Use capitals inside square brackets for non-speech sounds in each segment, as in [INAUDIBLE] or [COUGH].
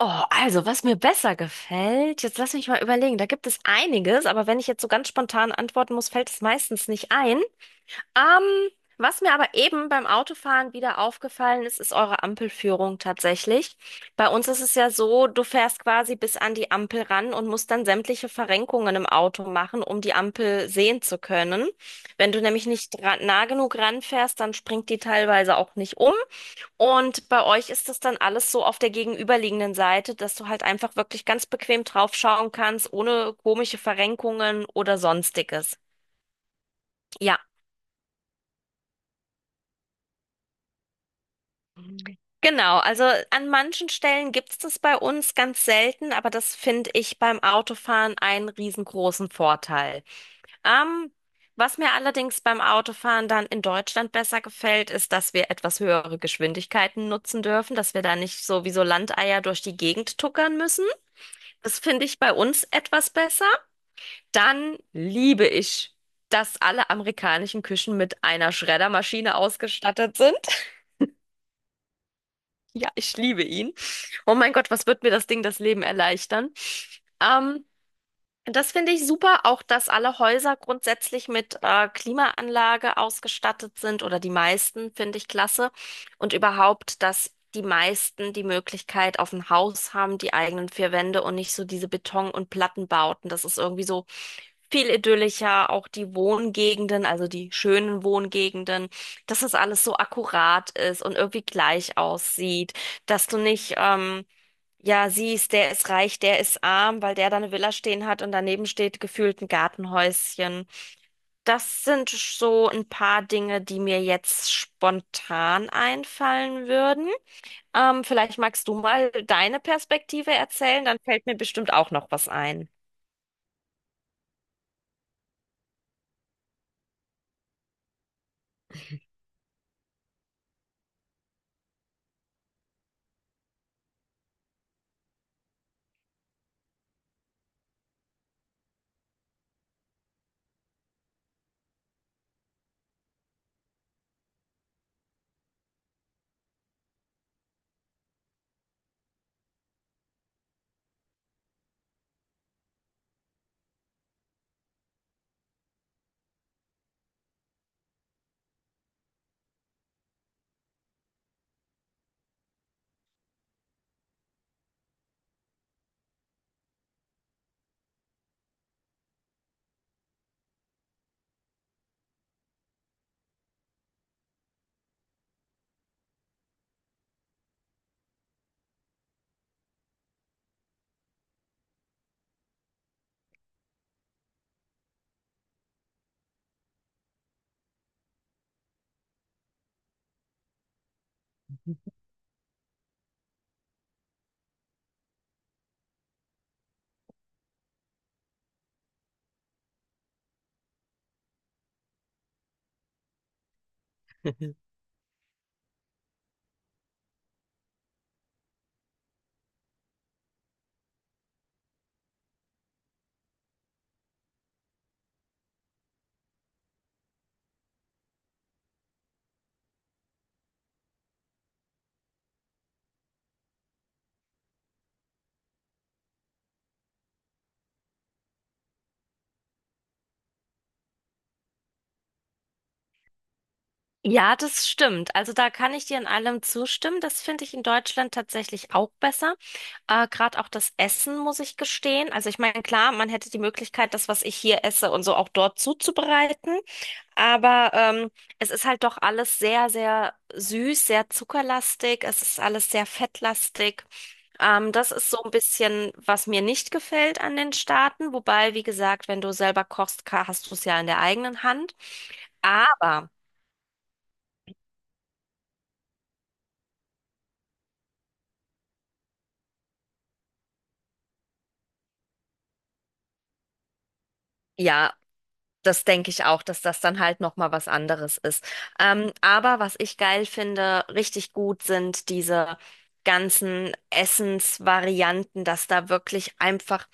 Oh, also, was mir besser gefällt, jetzt lass mich mal überlegen. Da gibt es einiges, aber wenn ich jetzt so ganz spontan antworten muss, fällt es meistens nicht ein. Ähm, was mir aber eben beim Autofahren wieder aufgefallen ist, ist eure Ampelführung tatsächlich. Bei uns ist es ja so, du fährst quasi bis an die Ampel ran und musst dann sämtliche Verrenkungen im Auto machen, um die Ampel sehen zu können. Wenn du nämlich nicht nah genug ranfährst, dann springt die teilweise auch nicht um. Und bei euch ist das dann alles so auf der gegenüberliegenden Seite, dass du halt einfach wirklich ganz bequem draufschauen kannst, ohne komische Verrenkungen oder sonstiges. Ja. Mhm. Genau, also an manchen Stellen gibt's das bei uns ganz selten, aber das finde ich beim Autofahren einen riesengroßen Vorteil. Ähm, was mir allerdings beim Autofahren dann in Deutschland besser gefällt, ist, dass wir etwas höhere Geschwindigkeiten nutzen dürfen, dass wir da nicht so wie so Landeier durch die Gegend tuckern müssen. Das finde ich bei uns etwas besser. Dann liebe ich, dass alle amerikanischen Küchen mit einer Schreddermaschine ausgestattet sind. [LAUGHS] Ja, ich liebe ihn. Oh mein Gott, was wird mir das Ding das Leben erleichtern? Ähm, Das finde ich super, auch dass alle Häuser grundsätzlich mit Klimaanlage ausgestattet sind oder die meisten, finde ich klasse. Und überhaupt, dass die meisten die Möglichkeit auf ein Haus haben, die eigenen vier Wände und nicht so diese Beton- und Plattenbauten. Das ist irgendwie so viel idyllischer, auch die Wohngegenden, also die schönen Wohngegenden, dass das alles so akkurat ist und irgendwie gleich aussieht, dass du nicht, ja, siehst, der ist reich, der ist arm, weil der da eine Villa stehen hat und daneben steht gefühlt ein Gartenhäuschen. Das sind so ein paar Dinge, die mir jetzt spontan einfallen würden. Vielleicht magst du mal deine Perspektive erzählen, dann fällt mir bestimmt auch noch was ein. Ja, das stimmt. Also da kann ich dir in allem zustimmen. Das finde ich in Deutschland tatsächlich auch besser. Gerade auch das Essen, muss ich gestehen. Also ich meine, klar, man hätte die Möglichkeit, das, was ich hier esse und so auch dort zuzubereiten. Aber es ist halt doch alles sehr, sehr süß, sehr zuckerlastig. Es ist alles sehr fettlastig. Das ist so ein bisschen, was mir nicht gefällt an den Staaten. Wobei, wie gesagt, wenn du selber kochst, hast du es ja in der eigenen Hand. Aber ja, das denke ich auch, dass das dann halt noch mal was anderes ist. Aber was ich geil finde, richtig gut sind diese ganzen Essensvarianten, dass da wirklich einfach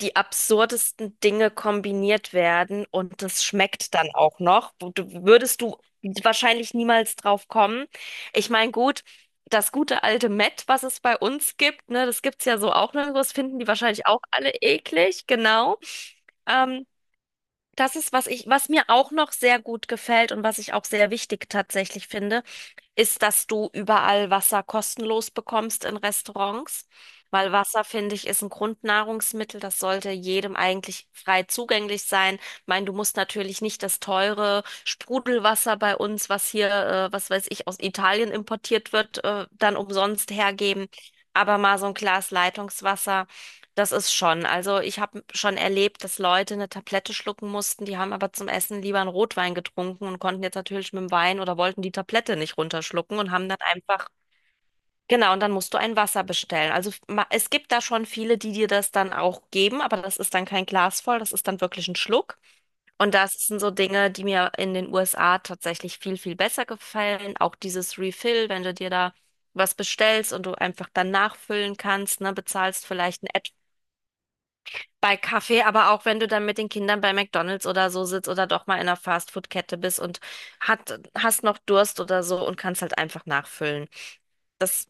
die absurdesten Dinge kombiniert werden und das schmeckt dann auch noch. Würdest du wahrscheinlich niemals drauf kommen. Ich meine, gut, das gute alte Mett, was es bei uns gibt, ne, das gibt's ja so auch nirgendwo, das finden die wahrscheinlich auch alle eklig, genau. Ähm, Das ist, was ich, was mir auch noch sehr gut gefällt und was ich auch sehr wichtig tatsächlich finde, ist, dass du überall Wasser kostenlos bekommst in Restaurants, weil Wasser, finde ich, ist ein Grundnahrungsmittel, das sollte jedem eigentlich frei zugänglich sein. Ich meine, du musst natürlich nicht das teure Sprudelwasser bei uns, was hier, was weiß ich, aus Italien importiert wird, dann umsonst hergeben, aber mal so ein Glas Leitungswasser. Das ist schon. Also ich habe schon erlebt, dass Leute eine Tablette schlucken mussten, die haben aber zum Essen lieber einen Rotwein getrunken und konnten jetzt natürlich mit dem Wein oder wollten die Tablette nicht runterschlucken und haben dann einfach, genau, und dann musst du ein Wasser bestellen. Also es gibt da schon viele, die dir das dann auch geben, aber das ist dann kein Glas voll, das ist dann wirklich ein Schluck. Und das sind so Dinge, die mir in den USA tatsächlich viel, viel besser gefallen. Auch dieses Refill, wenn du dir da was bestellst und du einfach dann nachfüllen kannst, ne, bezahlst vielleicht ein bei Kaffee, aber auch wenn du dann mit den Kindern bei McDonald's oder so sitzt oder doch mal in einer Fastfood-Kette bist und hast noch Durst oder so und kannst halt einfach nachfüllen. Das,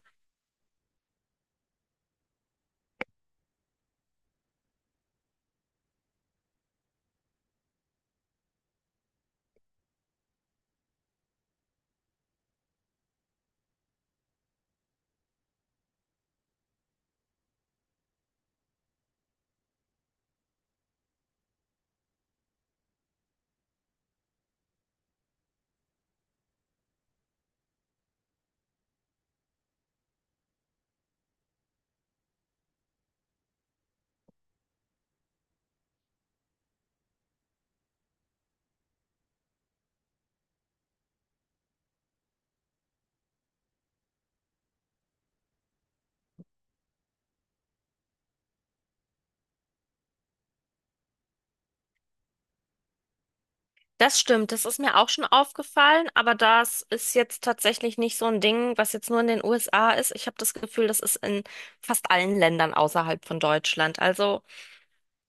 das stimmt, das ist mir auch schon aufgefallen, aber das ist jetzt tatsächlich nicht so ein Ding, was jetzt nur in den USA ist. Ich habe das Gefühl, das ist in fast allen Ländern außerhalb von Deutschland. Also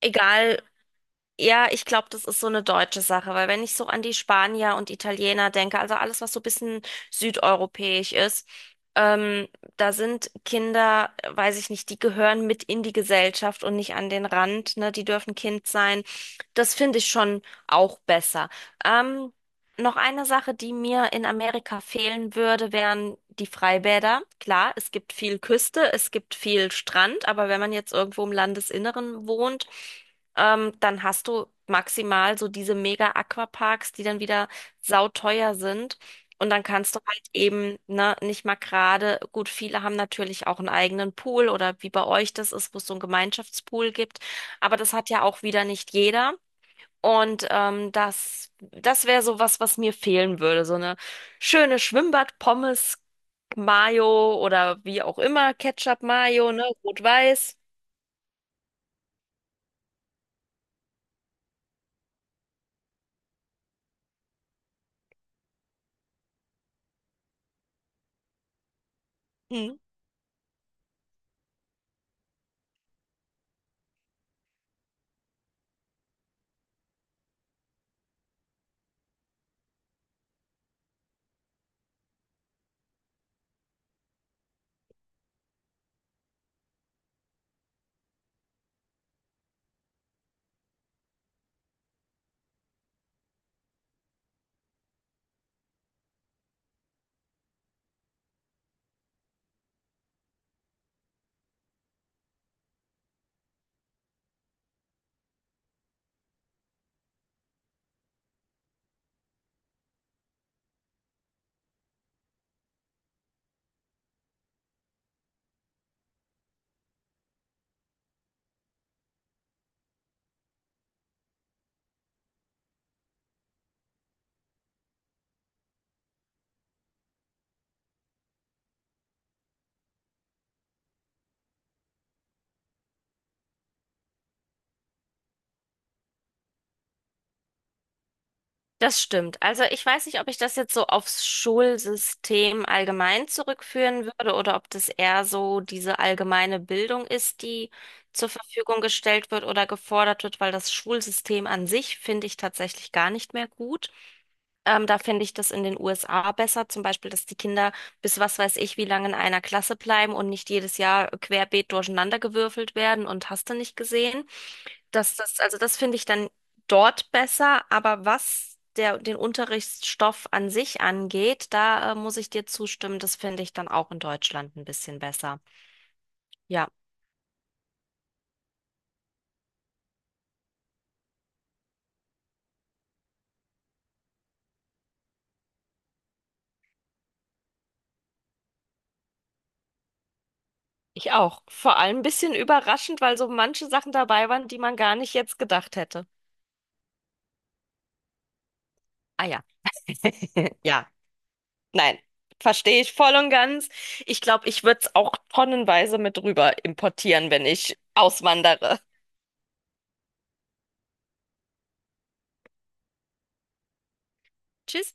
egal, ja, ich glaube, das ist so eine deutsche Sache, weil wenn ich so an die Spanier und Italiener denke, also alles, was so ein bisschen südeuropäisch ist, ähm, da sind Kinder, weiß ich nicht, die gehören mit in die Gesellschaft und nicht an den Rand, ne? Die dürfen Kind sein. Das finde ich schon auch besser. Ähm, Noch eine Sache, die mir in Amerika fehlen würde, wären die Freibäder. Klar, es gibt viel Küste, es gibt viel Strand, aber wenn man jetzt irgendwo im Landesinneren wohnt, dann hast du maximal so diese Mega-Aquaparks, die dann wieder sauteuer sind. Und dann kannst du halt eben, ne, nicht mal gerade, gut, viele haben natürlich auch einen eigenen Pool oder wie bei euch das ist, wo es so einen Gemeinschaftspool gibt. Aber das hat ja auch wieder nicht jeder. Und das wäre so was, was mir fehlen würde. So eine schöne Schwimmbad-Pommes, Mayo oder wie auch immer, Ketchup-Mayo, ne, rot-weiß. Hm. Das stimmt. Also ich weiß nicht, ob ich das jetzt so aufs Schulsystem allgemein zurückführen würde oder ob das eher so diese allgemeine Bildung ist, die zur Verfügung gestellt wird oder gefordert wird, weil das Schulsystem an sich finde ich tatsächlich gar nicht mehr gut. Da finde ich das in den USA besser, zum Beispiel, dass die Kinder bis was weiß ich wie lange in einer Klasse bleiben und nicht jedes Jahr querbeet durcheinander gewürfelt werden und hast du nicht gesehen. Also das finde ich dann dort besser, aber was den Unterrichtsstoff an sich angeht, da muss ich dir zustimmen, das finde ich dann auch in Deutschland ein bisschen besser. Ja, ich auch. Vor allem ein bisschen überraschend, weil so manche Sachen dabei waren, die man gar nicht jetzt gedacht hätte. Ah ja. [LAUGHS] Ja, nein, verstehe ich voll und ganz. Ich glaube, ich würde es auch tonnenweise mit rüber importieren, wenn ich auswandere. Tschüss.